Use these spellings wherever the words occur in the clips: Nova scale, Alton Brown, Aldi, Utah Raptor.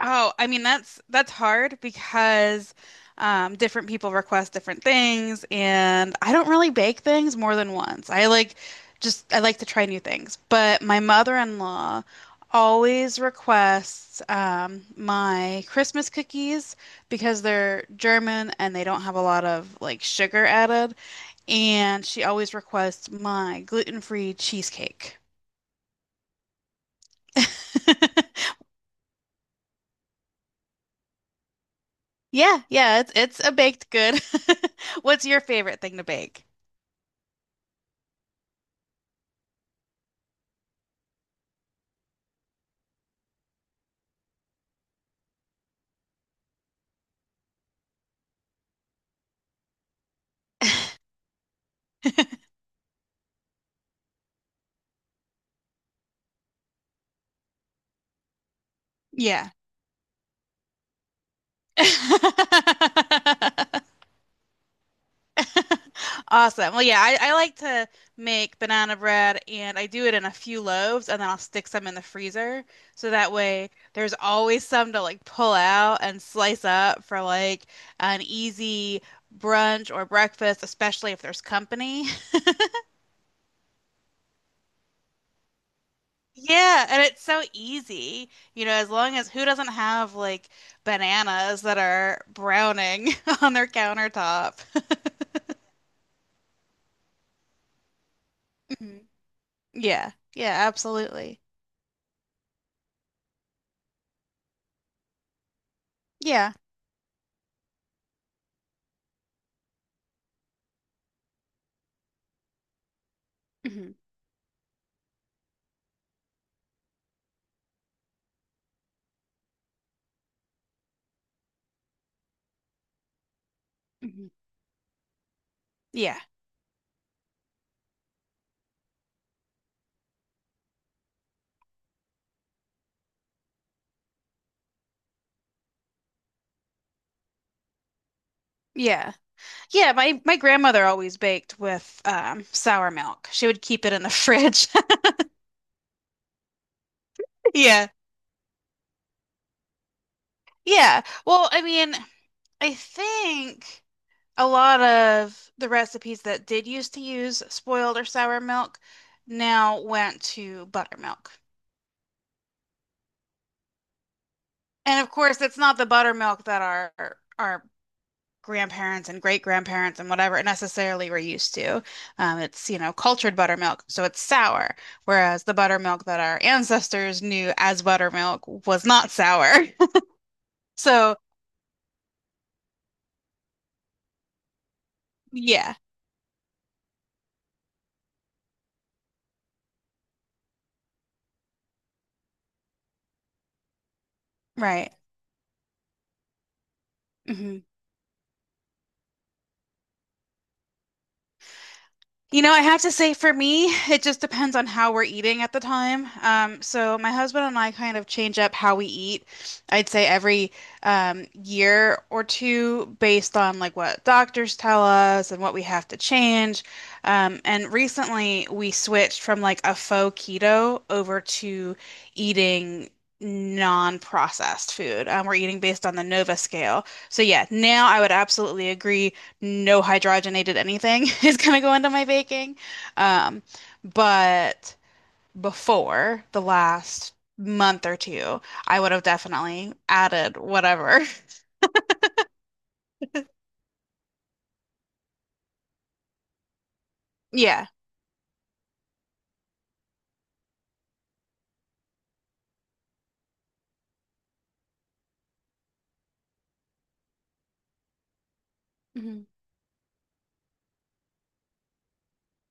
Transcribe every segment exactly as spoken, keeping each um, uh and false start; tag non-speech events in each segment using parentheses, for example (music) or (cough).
Oh, I mean that's that's hard because um, different people request different things, and I don't really bake things more than once. I like just I like to try new things, but my mother-in-law always requests um, my Christmas cookies because they're German and they don't have a lot of like sugar added, and she always requests my gluten-free cheesecake. (laughs) Yeah, yeah, it's it's a baked good. (laughs) What's your favorite thing to bake? Yeah. (laughs) Awesome. Well, yeah, I, I like to make banana bread and I do it in a few loaves and then I'll stick some in the freezer. So that way there's always some to like pull out and slice up for like an easy brunch or breakfast, especially if there's company. Yeah, and it's so easy. You know, as long as who doesn't have like bananas that are browning (laughs) on their countertop? (laughs) Mhm. Yeah. Yeah, absolutely. Yeah. hmm hmm Yeah. Yeah. Yeah, my my grandmother always baked with um sour milk. She would keep it in the (laughs) fridge. (laughs) Yeah. Yeah. Well, I mean, I think a lot of the recipes that did used to use spoiled or sour milk now went to buttermilk. And of course, it's not the buttermilk that our our grandparents and great grandparents and whatever necessarily were used to. Um, it's, you know, cultured buttermilk, so it's sour, whereas the buttermilk that our ancestors knew as buttermilk was not sour. (laughs) So, yeah, right. Mhm. You know, I have to say for me, it just depends on how we're eating at the time. Um, so my husband and I kind of change up how we eat. I'd say every um, year or two based on like what doctors tell us and what we have to change. Um, and recently we switched from like a faux keto over to eating non-processed food. Um, we're eating based on the Nova scale. So yeah, now I would absolutely agree no hydrogenated anything (laughs) is going to go into my baking. Um, but before the last month or two, I would have definitely added whatever. (laughs) Yeah. hmm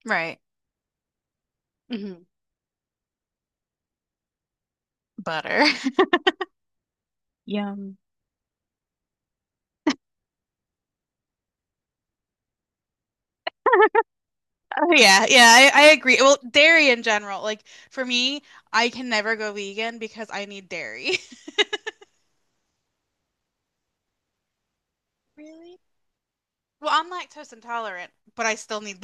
Right. hmm Butter. Yum. (laughs) Oh yeah, yeah, I, I agree. Well, dairy in general, like for me, I can never go vegan because I need dairy. (laughs) Really? Well, I'm lactose intolerant, but I still need.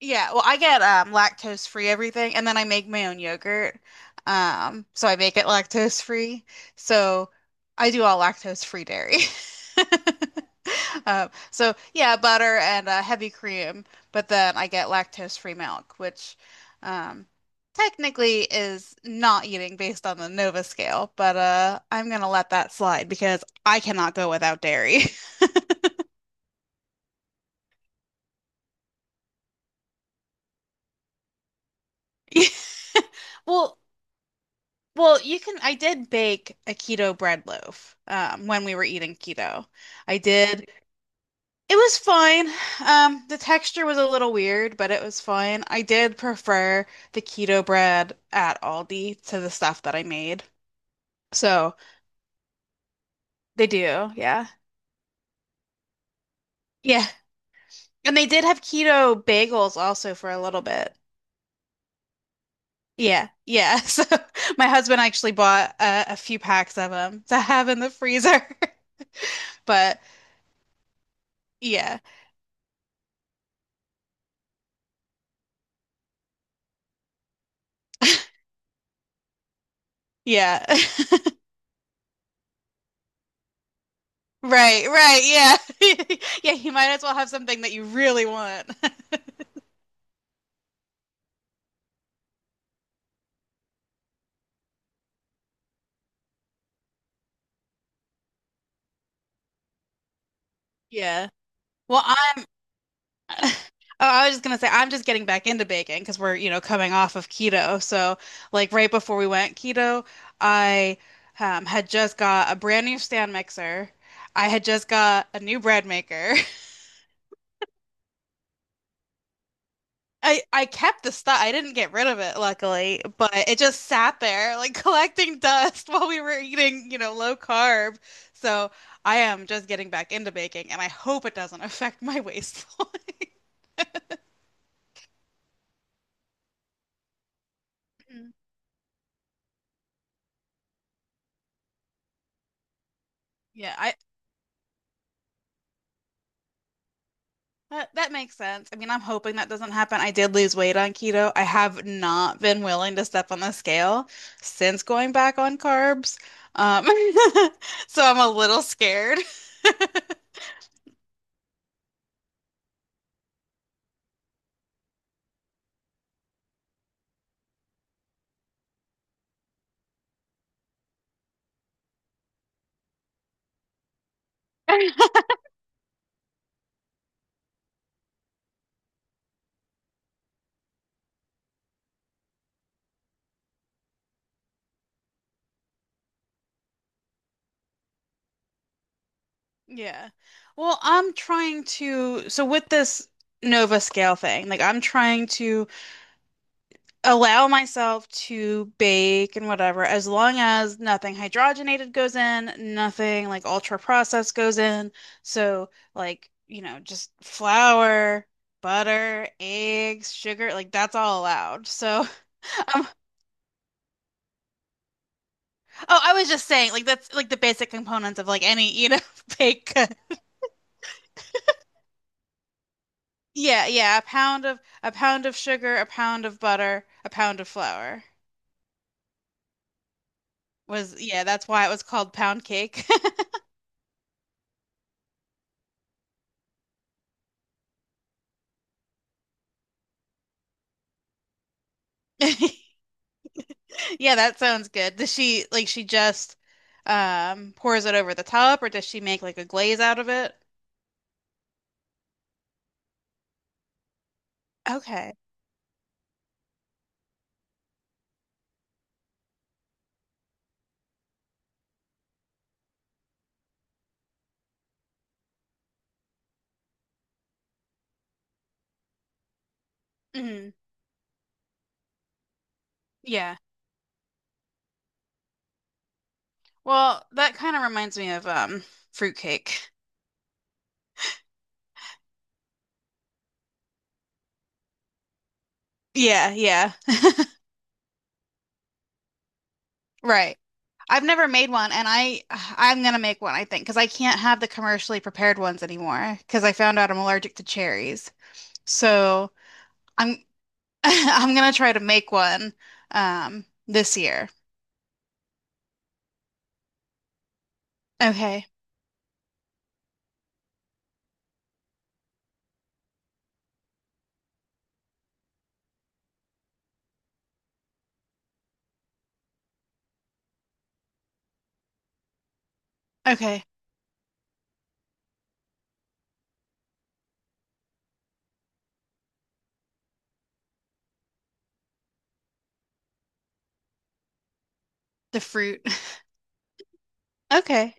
Yeah, well, I get um lactose free everything, and then I make my own yogurt. Um, so I make it lactose free. So I do all lactose free dairy. (laughs) Um, so yeah, butter and uh, heavy cream, but then I get lactose free milk, which um technically is not eating based on the Nova scale, but uh I'm gonna let that slide because I cannot go without dairy. (laughs) Well, well, you can. I did bake a keto bread loaf um, when we were eating keto. I did. It was fine. Um, the texture was a little weird, but it was fine. I did prefer the keto bread at Aldi to the stuff that I made. So they do, yeah. Yeah. And they did have keto bagels also for a little bit. Yeah. Yeah. (laughs) So my husband actually bought a, a few packs of them to have in the freezer. (laughs) But yeah. Yeah. (laughs) Right, right, yeah. (laughs) Yeah, you might as well have something that you really want. (laughs) Yeah. Well, I. (laughs) Oh, I was just gonna say I'm just getting back into baking because we're, you know, coming off of keto. So, like right before we went keto, I um, had just got a brand new stand mixer. I had just got a new bread maker. I I kept the stuff. I didn't get rid of it, luckily, but it just sat there like (laughs) collecting dust while we were eating, you know, low carb. So I am just getting back into baking, and I hope it doesn't (laughs) affect my waistline. (laughs) Mm. Yeah, I that, that makes sense. I mean, I'm hoping that doesn't happen. I did lose weight on keto. I have not been willing to step on the scale since going back on carbs. Um, (laughs) so I'm a little scared. (laughs) Yeah. Well, I'm trying to, so with this Nova scale thing, like I'm trying to allow myself to bake and whatever, as long as nothing hydrogenated goes in, nothing like ultra processed goes in. So, like, you know, just flour, butter, eggs, sugar, like that's all allowed. So, (laughs) um, oh, I was just saying, like, that's like the basic components of like any, you know, (laughs) bake. Yeah, yeah, a pound of a pound of sugar, a pound of butter, a pound of flour was yeah, that's why it was called pound cake. (laughs) Yeah, that sounds good. Does she like she just um pours it over the top or does she make like a glaze out of it? Okay. Mhm. Yeah. Well, that kind of reminds me of um fruit cake. Yeah, yeah. Right. I've never made one and I I'm gonna make one I think because I can't have the commercially prepared ones anymore because I found out I'm allergic to cherries. So I'm (laughs) I'm gonna try to make one um this year. Okay. Okay. The fruit. (laughs) Okay.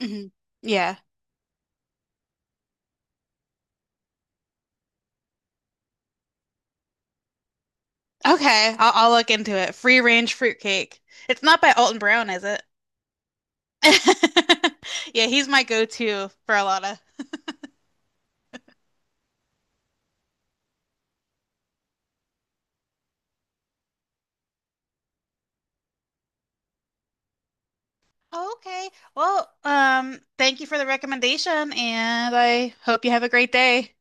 hmm Yeah. Okay. I'll, I'll look into it. Free range fruit cake. It's not by Alton Brown, is it? (laughs) Yeah, he's my go-to for a lot of. Oh, okay. Well, um, thank you for the recommendation, and I hope you have a great day.